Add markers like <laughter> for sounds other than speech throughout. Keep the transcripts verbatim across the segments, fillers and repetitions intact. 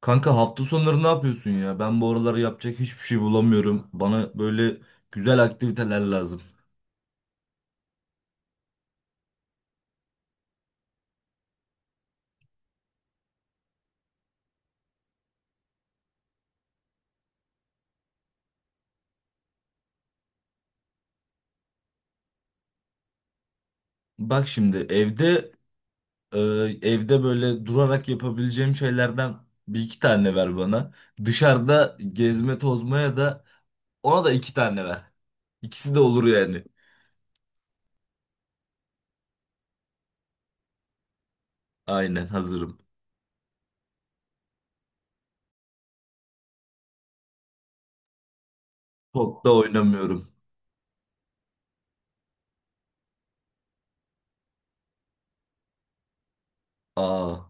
Kanka hafta sonları ne yapıyorsun ya? Ben bu aralar yapacak hiçbir şey bulamıyorum. Bana böyle güzel aktiviteler lazım. Bak şimdi evde e, evde böyle durarak yapabileceğim şeylerden bir iki tane ver bana. Dışarıda gezme tozmaya da ona da iki tane ver. İkisi de olur yani. Aynen hazırım. Çok da oynamıyorum. Aa,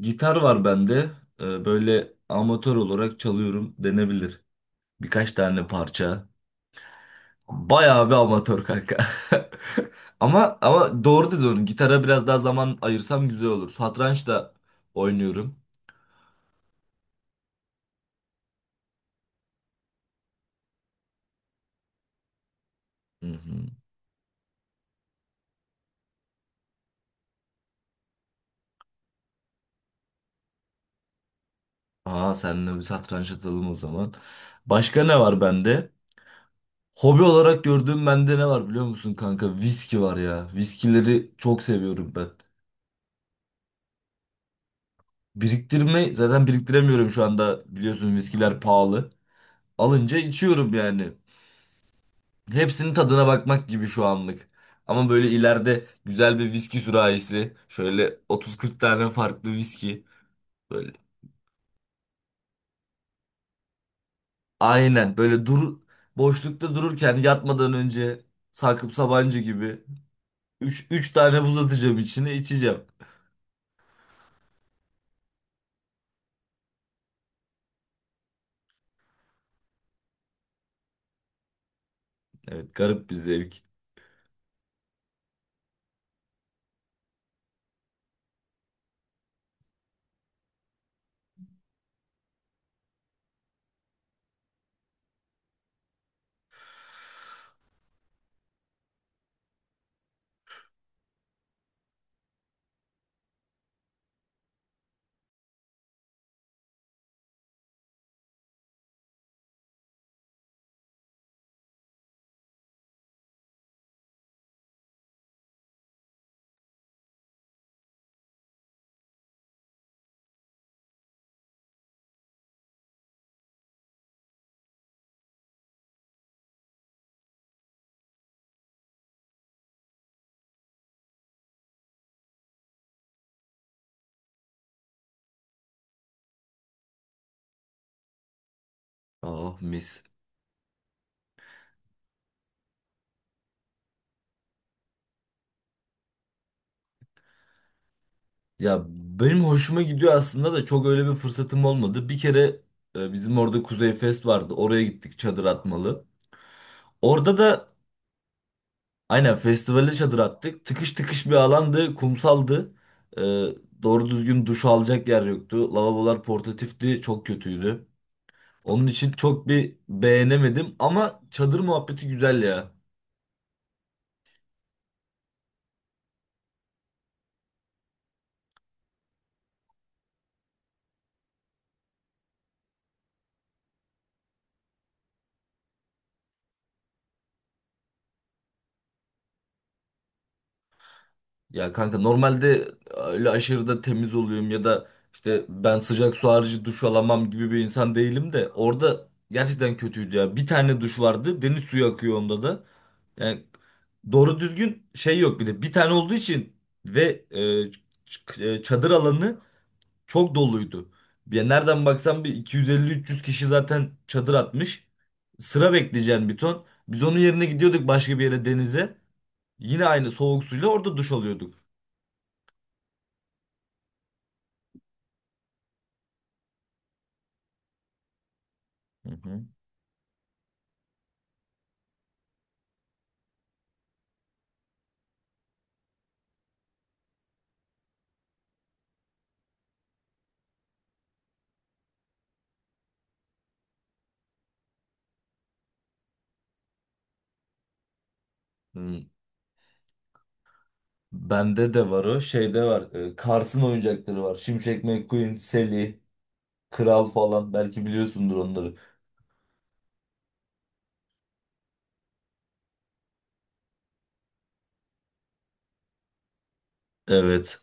gitar var bende. E, böyle amatör olarak çalıyorum denebilir. Birkaç tane parça. Bayağı bir amatör kanka. <laughs> Ama ama doğru dedin. Gitara biraz daha zaman ayırsam güzel olur. Satranç da oynuyorum. Hı hı. Aa, seninle bir satranç atalım o zaman. Başka ne var bende? Hobi olarak gördüğüm bende ne var biliyor musun kanka? Viski var ya. Viskileri çok seviyorum ben. Biriktirme, zaten biriktiremiyorum şu anda. Biliyorsun viskiler pahalı. Alınca içiyorum yani. Hepsinin tadına bakmak gibi şu anlık. Ama böyle ileride güzel bir viski sürahisi. Şöyle otuz kırk tane farklı viski. Böyle, aynen böyle dur, boşlukta dururken yatmadan önce Sakıp Sabancı gibi üç üç tane buz atacağım içine, içeceğim. Evet, garip bir zevk. Ah, mis. Ya benim hoşuma gidiyor aslında da çok öyle bir fırsatım olmadı. Bir kere e, bizim orada Kuzey Fest vardı. Oraya gittik, çadır atmalı. Orada da aynen festivale çadır attık. Tıkış tıkış bir alandı, kumsaldı. Ee, doğru düzgün duş alacak yer yoktu. Lavabolar portatifti, çok kötüydü. Onun için çok bir beğenemedim ama çadır muhabbeti güzel ya. Ya kanka, normalde öyle aşırı da temiz oluyorum ya da işte ben sıcak su harici duş alamam gibi bir insan değilim de orada gerçekten kötüydü ya. Bir tane duş vardı, deniz suyu akıyor onda da. Yani doğru düzgün şey yok bir de. Bir tane olduğu için ve e, ç- e, çadır alanı çok doluydu. Ya nereden baksan bir iki yüz elli üç yüz kişi zaten çadır atmış. Sıra bekleyeceğin bir ton. Biz onun yerine gidiyorduk başka bir yere, denize. Yine aynı soğuk suyla orada duş alıyorduk. Hı hı. Hmm, Bende de var o. Şeyde var. E, Kars'ın oyuncakları var. Şimşek McQueen, Sally, Kral falan. Belki biliyorsundur onları. Evet.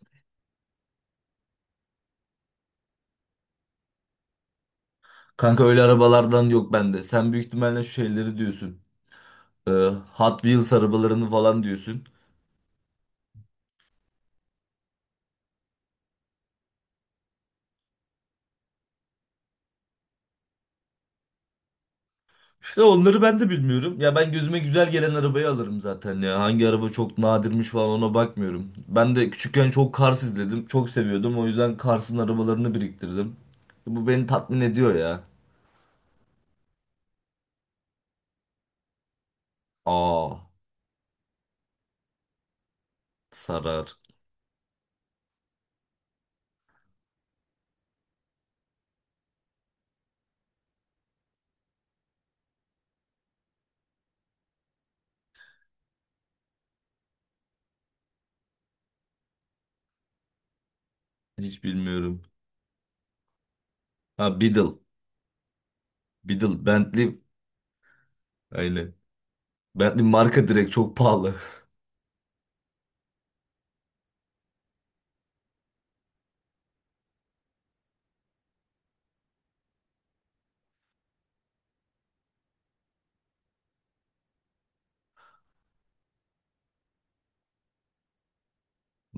Kanka, öyle arabalardan yok bende. Sen büyük ihtimalle şu şeyleri diyorsun. Ee, Hot Wheels arabalarını falan diyorsun. İşte onları ben de bilmiyorum. Ya ben gözüme güzel gelen arabayı alırım zaten ya. Hangi araba çok nadirmiş falan ona bakmıyorum. Ben de küçükken çok Cars izledim. Çok seviyordum. O yüzden Cars'ın arabalarını biriktirdim. Bu beni tatmin ediyor ya. Aa, sarar. Hiç bilmiyorum. Ha, Beetle. Beetle. Bentley. Aynen. Bentley marka direkt çok pahalı.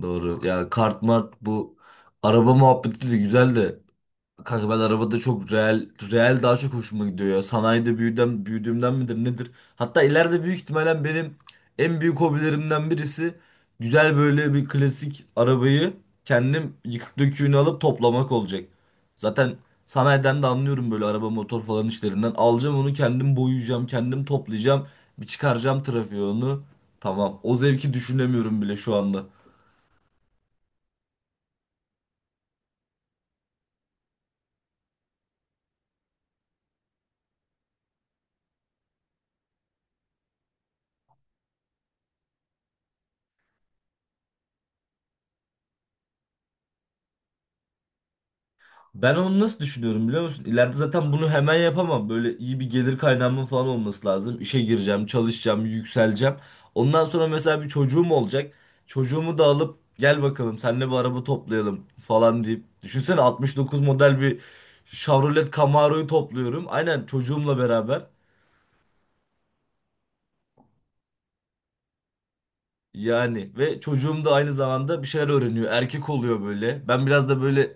Doğru. Ya kart mart, bu araba muhabbeti de güzel de kanka, ben arabada çok real, real daha çok hoşuma gidiyor ya. Sanayide büyüdüm, büyüdüğümden midir nedir? Hatta ileride büyük ihtimalle benim en büyük hobilerimden birisi, güzel böyle bir klasik arabayı kendim, yıkık döküğünü alıp toplamak olacak. Zaten sanayiden de anlıyorum böyle araba, motor falan işlerinden. Alacağım onu, kendim boyayacağım, kendim toplayacağım, bir çıkaracağım trafiğe onu. Tamam. O zevki düşünemiyorum bile şu anda. Ben onu nasıl düşünüyorum biliyor musun? İleride zaten bunu hemen yapamam. Böyle iyi bir gelir kaynağımın falan olması lazım. İşe gireceğim, çalışacağım, yükseleceğim. Ondan sonra mesela bir çocuğum olacak. Çocuğumu da alıp, gel bakalım seninle bir araba toplayalım falan deyip. Düşünsene, altmış dokuz model bir Chevrolet Camaro'yu topluyorum. Aynen, çocuğumla beraber. Yani ve çocuğum da aynı zamanda bir şeyler öğreniyor. Erkek oluyor böyle. Ben biraz da böyle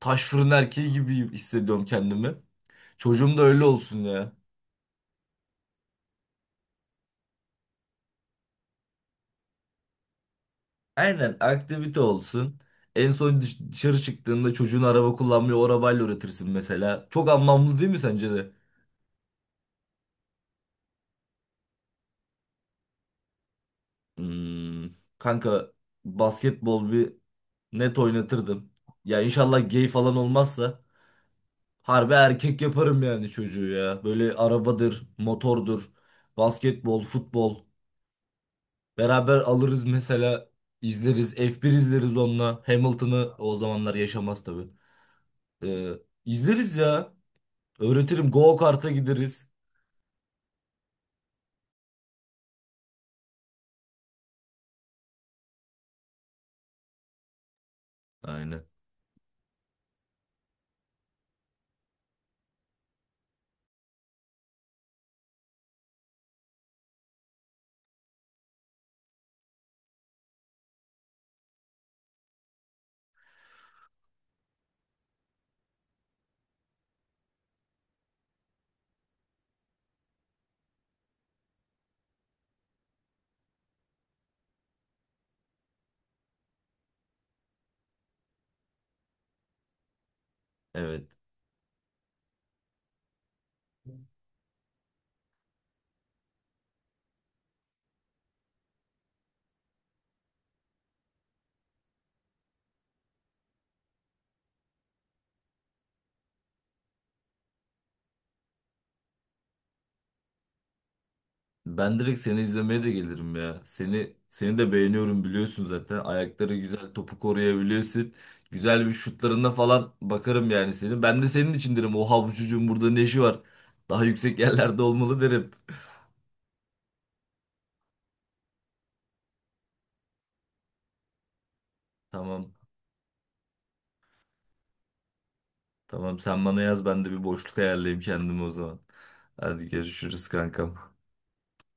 taş fırın erkeği gibi hissediyorum kendimi. Çocuğum da öyle olsun ya. Aynen, aktivite olsun. En son dış- dışarı çıktığında çocuğun araba kullanmayı o arabayla öğretirsin mesela. Çok anlamlı değil mi sence de? Hmm, Kanka, basketbol bir net oynatırdım. Ya inşallah gay falan olmazsa harbi erkek yaparım yani çocuğu ya. Böyle arabadır, motordur, basketbol, futbol. Beraber alırız mesela, izleriz. F bir izleriz onunla. Hamilton'ı o zamanlar yaşamaz tabii. Ee, izleriz ya. Öğretirim. Go kart'a gideriz. Aynen. Evet. Ben direkt seni izlemeye de gelirim ya. Seni seni de beğeniyorum biliyorsun zaten. Ayakları güzel, topu koruyabiliyorsun. Güzel, bir şutlarına falan bakarım yani senin. Ben de senin için derim. Oha, bu çocuğun burada ne işi var? Daha yüksek yerlerde olmalı derim. Tamam. Tamam, sen bana yaz, ben de bir boşluk ayarlayayım kendime o zaman. Hadi, görüşürüz kankam.